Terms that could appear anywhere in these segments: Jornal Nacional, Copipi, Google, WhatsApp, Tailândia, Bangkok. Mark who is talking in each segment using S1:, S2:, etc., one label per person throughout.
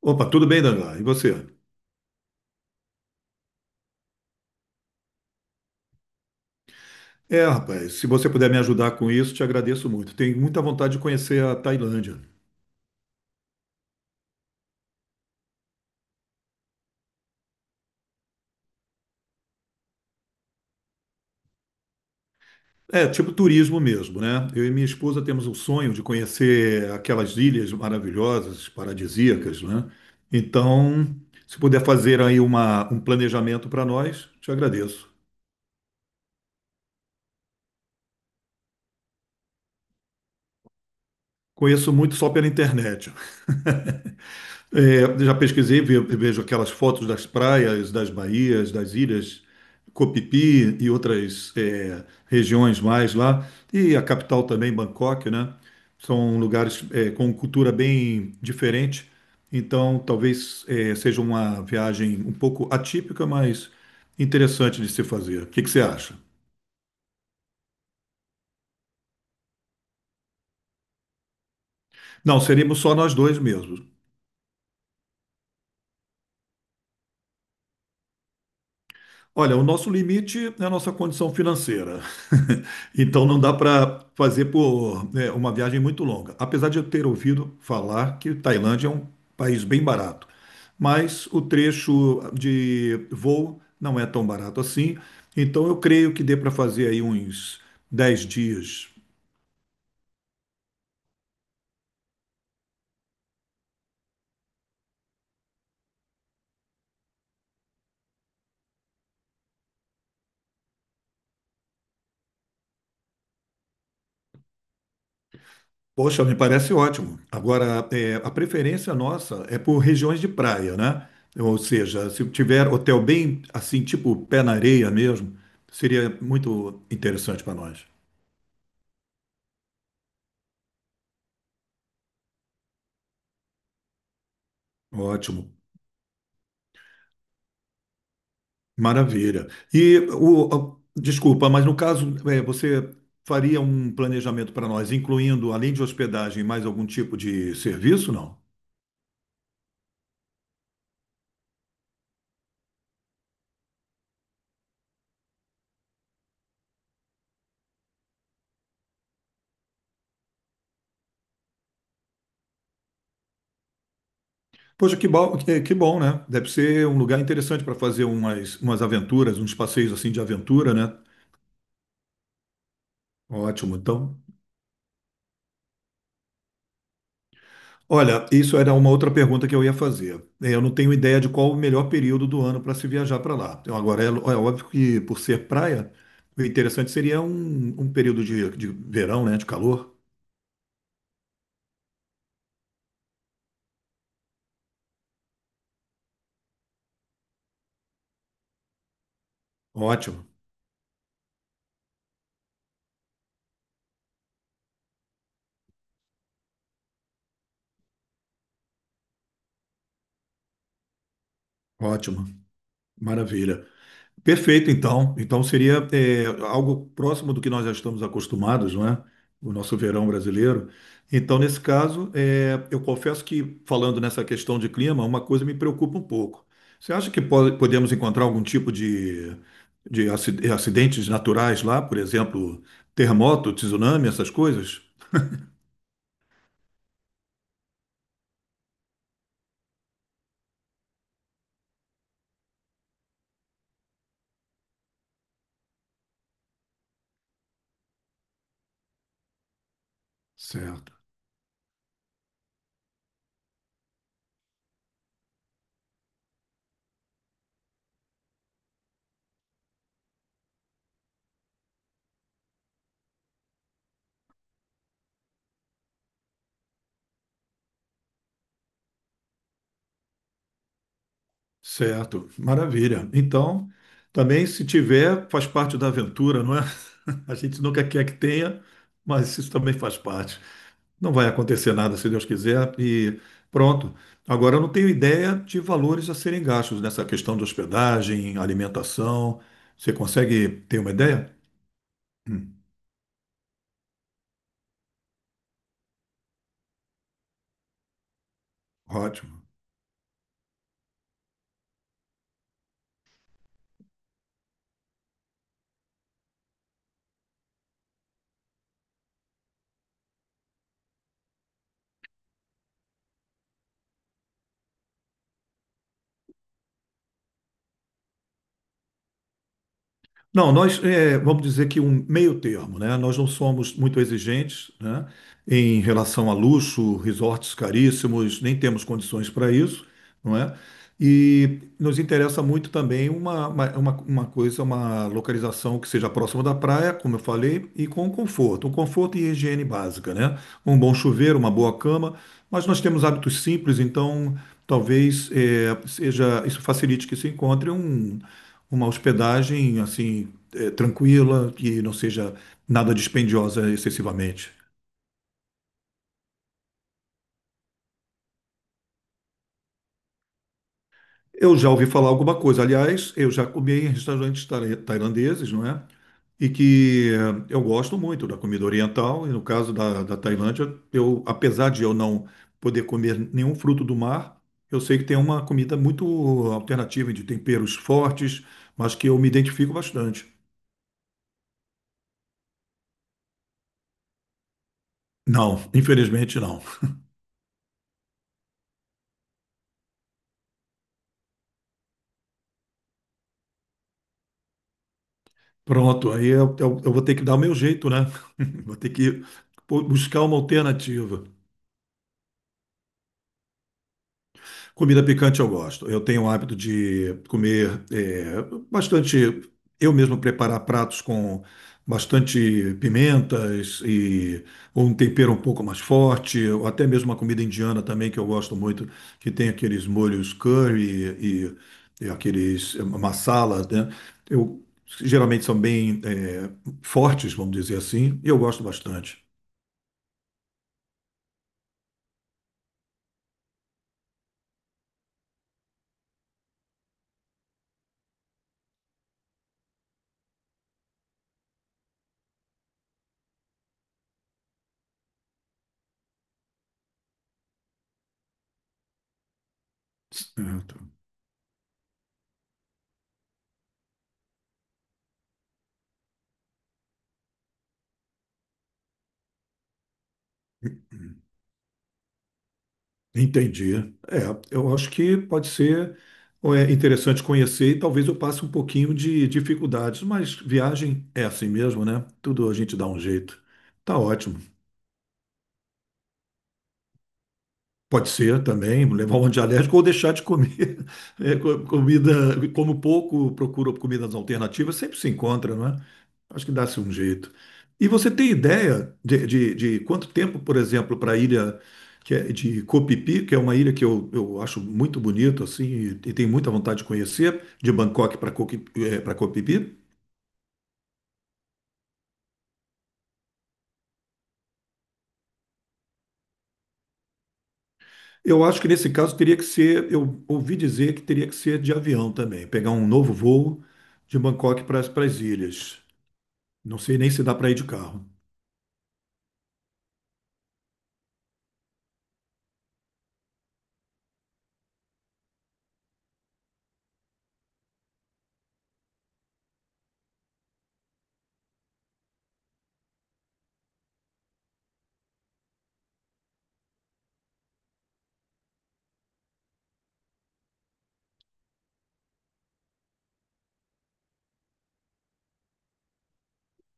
S1: Opa, tudo bem, Daniela? E você? Rapaz, se você puder me ajudar com isso, te agradeço muito. Tenho muita vontade de conhecer a Tailândia. Tipo turismo mesmo, né? Eu e minha esposa temos o sonho de conhecer aquelas ilhas maravilhosas, paradisíacas, né? Então, se puder fazer aí um planejamento para nós, te agradeço. Conheço muito só pela internet. Já pesquisei, vejo aquelas fotos das praias, das baías, das ilhas Copipi e outras regiões mais lá. E a capital também, Bangkok, né? São lugares com cultura bem diferente. Então, talvez seja uma viagem um pouco atípica, mas interessante de se fazer. O que que você acha? Não, seríamos só nós dois mesmos. Olha, o nosso limite é a nossa condição financeira. Então não dá para fazer por, né, uma viagem muito longa. Apesar de eu ter ouvido falar que Tailândia é um país bem barato, mas o trecho de voo não é tão barato assim. Então eu creio que dê para fazer aí uns 10 dias. Poxa, me parece ótimo. Agora, a preferência nossa é por regiões de praia, né? Ou seja, se tiver hotel bem assim, tipo pé na areia mesmo, seria muito interessante para nós. Ótimo, maravilha. E o, desculpa, mas no caso, você faria um planejamento para nós, incluindo, além de hospedagem, mais algum tipo de serviço, não? Poxa, que bom, que bom, né? Deve ser um lugar interessante para fazer umas aventuras, uns passeios assim de aventura, né? Ótimo. Então, olha, isso era uma outra pergunta que eu ia fazer. Eu não tenho ideia de qual o melhor período do ano para se viajar para lá. Então, agora, é óbvio que por ser praia, o interessante seria um período de verão, né? De calor. Ótimo, ótimo. Maravilha. Perfeito, então. Então seria algo próximo do que nós já estamos acostumados, não é? O nosso verão brasileiro. Então, nesse caso, eu confesso que, falando nessa questão de clima, uma coisa me preocupa um pouco. Você acha que podemos encontrar algum tipo de acidentes naturais lá, por exemplo, terremoto, tsunami, essas coisas? Certo, certo, maravilha. Então, também se tiver, faz parte da aventura, não é? A gente nunca quer que tenha, mas isso também faz parte. Não vai acontecer nada, se Deus quiser, e pronto. Agora, eu não tenho ideia de valores a serem gastos nessa questão de hospedagem, alimentação. Você consegue ter uma ideia? Hum, ótimo. Não, nós vamos dizer que um meio termo, né? Nós não somos muito exigentes, né? Em relação a luxo, resorts caríssimos, nem temos condições para isso, não é? E nos interessa muito também uma coisa, uma localização que seja próxima da praia, como eu falei, e com conforto, um conforto e higiene básica, né? Um bom chuveiro, uma boa cama, mas nós temos hábitos simples, então talvez seja isso, facilite que se encontre uma hospedagem assim tranquila, que não seja nada dispendiosa excessivamente. Eu já ouvi falar alguma coisa, aliás, eu já comi em restaurantes tailandeses, não é? E que eu gosto muito da comida oriental, e no caso da, da Tailândia, eu, apesar de eu não poder comer nenhum fruto do mar, eu sei que tem uma comida muito alternativa de temperos fortes, mas que eu me identifico bastante. Não, infelizmente não. Pronto, aí eu vou ter que dar o meu jeito, né? Vou ter que buscar uma alternativa. Comida picante eu gosto. Eu tenho o hábito de comer bastante, eu mesmo preparar pratos com bastante pimentas e ou um tempero um pouco mais forte, ou até mesmo uma comida indiana também que eu gosto muito, que tem aqueles molhos curry e aqueles masala, né? Eu geralmente são bem fortes, vamos dizer assim, e eu gosto bastante. Certo. Entendi. É, eu acho que pode ser interessante conhecer e talvez eu passe um pouquinho de dificuldades, mas viagem é assim mesmo, né? Tudo a gente dá um jeito. Tá ótimo. Pode ser também, levar um antialérgico ou deixar de comer comida, como pouco procura comidas alternativas, sempre se encontra, não é? Acho que dá-se um jeito. E você tem ideia de quanto tempo, por exemplo, para a ilha que é de Copipi, que é uma ilha que eu acho muito bonito assim, e tenho muita vontade de conhecer, de Bangkok para Copipi? Eu acho que nesse caso teria que ser, eu ouvi dizer que teria que ser de avião também, pegar um novo voo de Bangkok para as ilhas. Não sei nem se dá para ir de carro.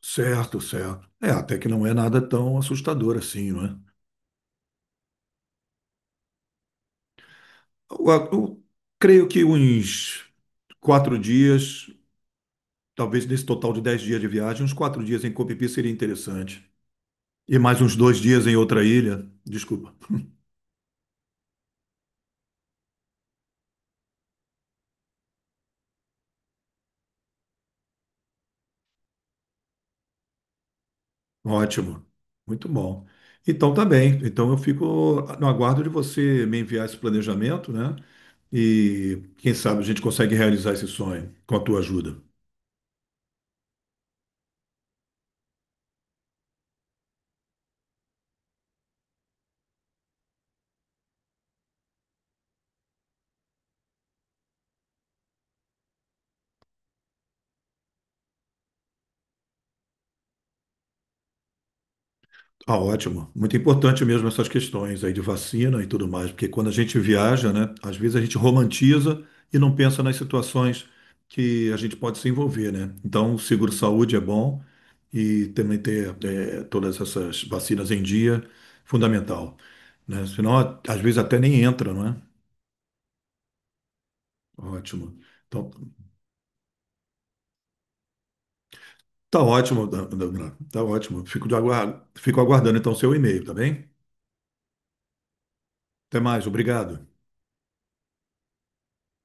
S1: Certo, certo. É, até que não é nada tão assustador assim, não é? Eu creio que uns 4 dias, talvez nesse total de 10 dias de viagem, uns 4 dias em Copipi seria interessante. E mais uns 2 dias em outra ilha. Desculpa. Ótimo. Muito bom. Então tá bem. Então eu fico no aguardo de você me enviar esse planejamento, né? E quem sabe a gente consegue realizar esse sonho com a tua ajuda. Ah, ótimo. Muito importante mesmo essas questões aí de vacina e tudo mais, porque quando a gente viaja, né, às vezes a gente romantiza e não pensa nas situações que a gente pode se envolver, né? Então, o seguro-saúde é bom e também ter todas essas vacinas em dia, fundamental, né? Senão, às vezes até nem entra, não é? Ótimo. Então, tá ótimo, Dan, tá ótimo. Fico de fico aguardando então o seu e-mail, tá bem? Até mais, obrigado.